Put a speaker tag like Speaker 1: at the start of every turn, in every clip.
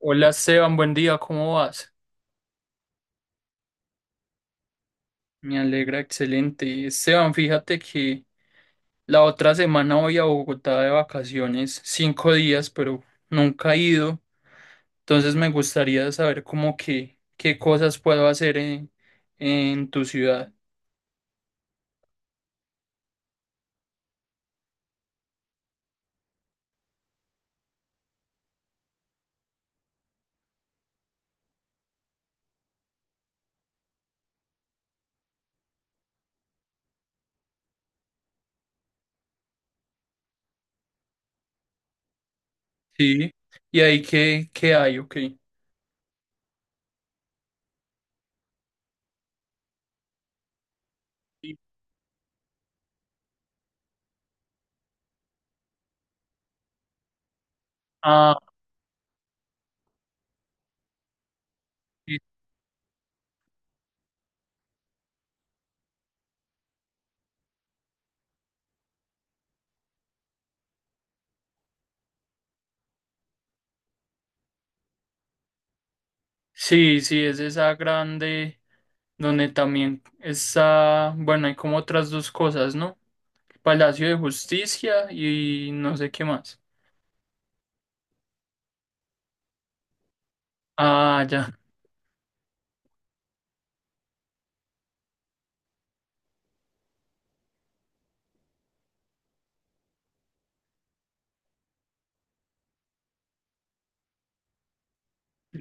Speaker 1: Hola Esteban, buen día, ¿cómo vas? Me alegra, excelente. Esteban, fíjate que la otra semana voy a Bogotá de vacaciones, 5 días, pero nunca he ido. Entonces me gustaría saber qué cosas puedo hacer en tu ciudad. Sí. ¿Y ahí qué hay? Ok. Sí. Ah, sí, sí, sí, es esa grande donde también está, bueno, hay como otras dos cosas, ¿no? Palacio de Justicia y no sé qué más. Ah, ya,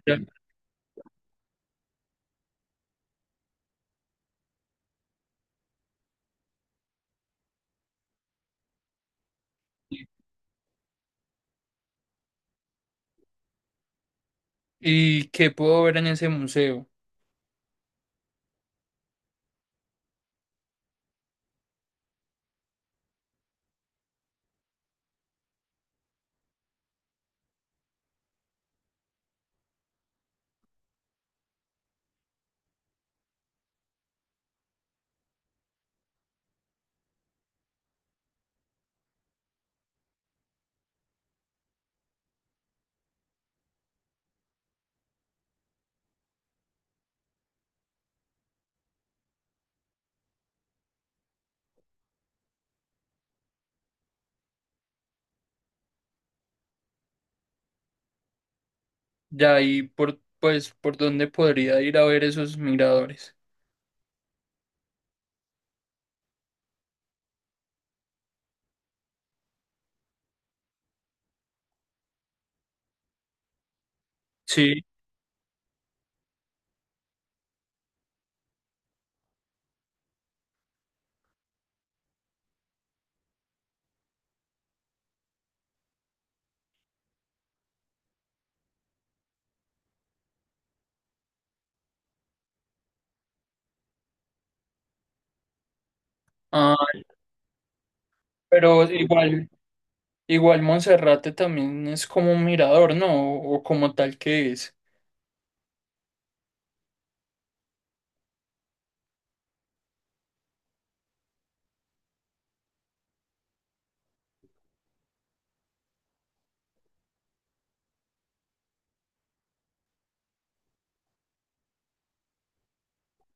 Speaker 1: ya. ¿Y qué puedo ver en ese museo? Ya, y pues, ¿por dónde podría ir a ver esos miradores? Sí. Ah, pero igual Monserrate también es como un mirador, ¿no? O como tal que es.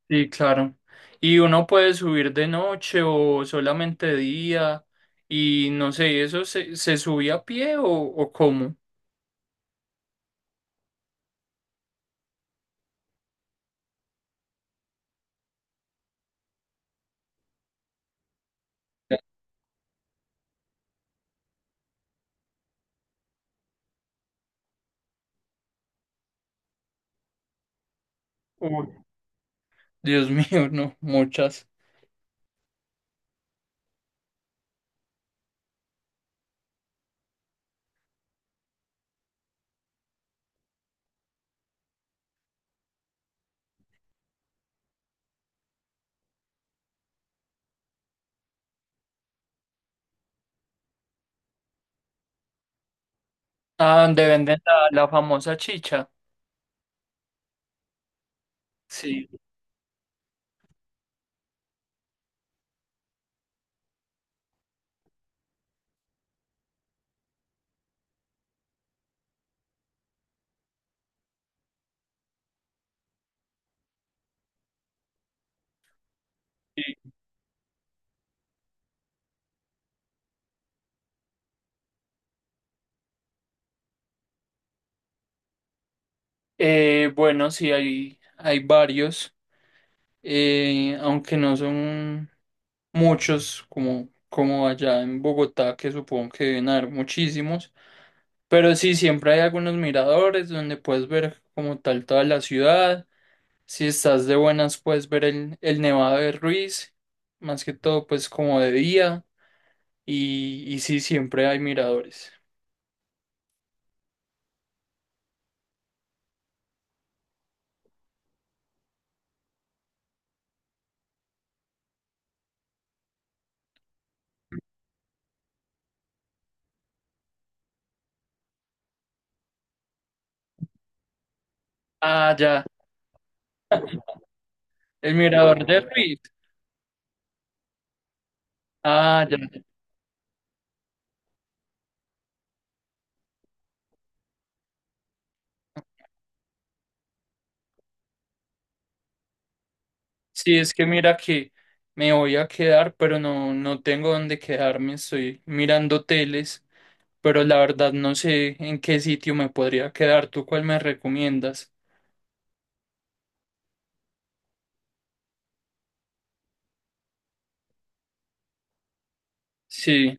Speaker 1: Sí, claro. Y uno puede subir de noche o solamente de día. Y no sé, ¿eso se subía a pie o cómo? Uy, Dios mío, no, muchas. Ah, donde venden la famosa chicha. Sí. Bueno, sí, hay varios, aunque no son muchos como allá en Bogotá, que supongo que deben haber muchísimos, pero sí, siempre hay algunos miradores donde puedes ver como tal toda la ciudad, si estás de buenas puedes ver el Nevado de Ruiz, más que todo pues como de día, y sí, siempre hay miradores. Ah, ya, el mirador de Ruiz, ah, ya. Sí, es que mira que me voy a quedar, pero no, no tengo dónde quedarme. Estoy mirando hoteles, pero la verdad no sé en qué sitio me podría quedar. ¿Tú cuál me recomiendas? Sí,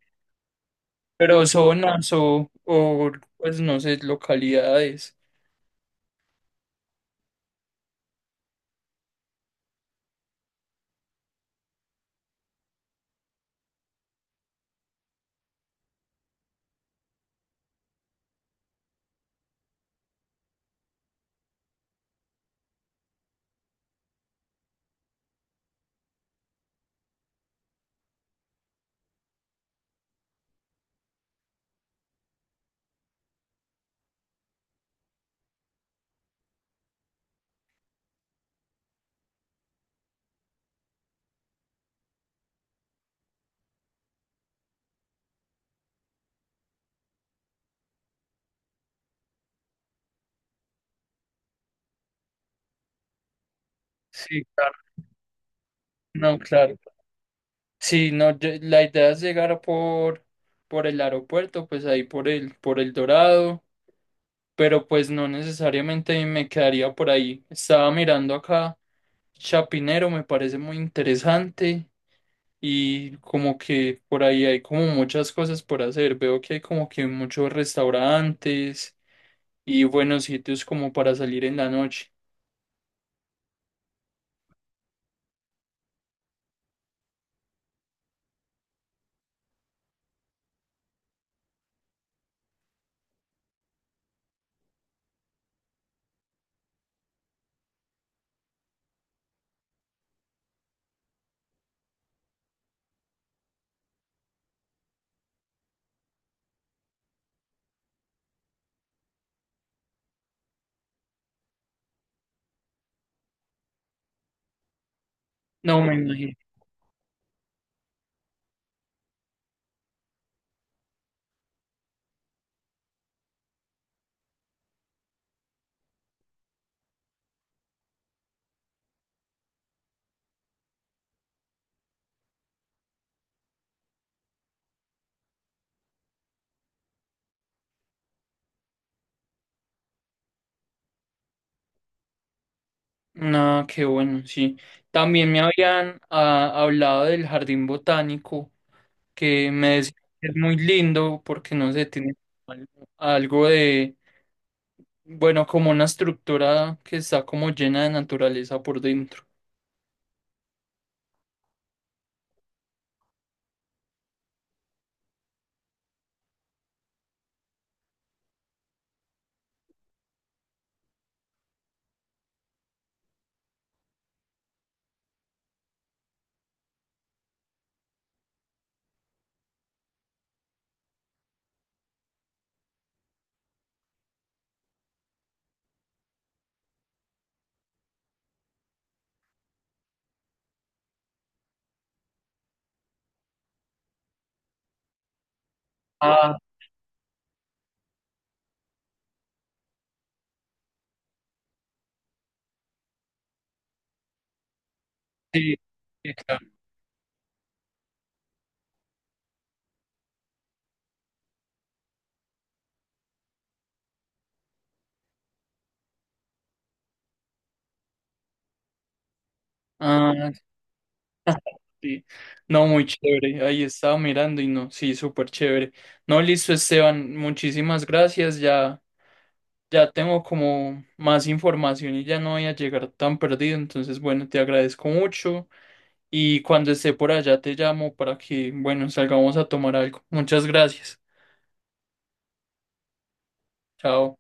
Speaker 1: pero zonas o, pues no sé, localidades. Sí, claro. No, claro. Sí, no, la idea es llegar por, el aeropuerto, pues ahí por el, Dorado, pero pues no necesariamente me quedaría por ahí. Estaba mirando acá. Chapinero me parece muy interesante y como que por ahí hay como muchas cosas por hacer. Veo que hay como que muchos restaurantes y buenos sitios como para salir en la noche. No me imagino. No, qué bueno, sí. También me habían hablado del jardín botánico que me decían que es muy lindo porque no sé, tiene al- algo de, bueno, como una estructura que está como llena de naturaleza por dentro. Sí, sí, claro. Ah, sí. No, muy chévere. Ahí estaba mirando y no, sí, súper chévere. No, listo, Esteban, muchísimas gracias. Ya, ya tengo como más información y ya no voy a llegar tan perdido. Entonces, bueno, te agradezco mucho. Y cuando esté por allá te llamo para que, bueno, salgamos a tomar algo. Muchas gracias. Chao.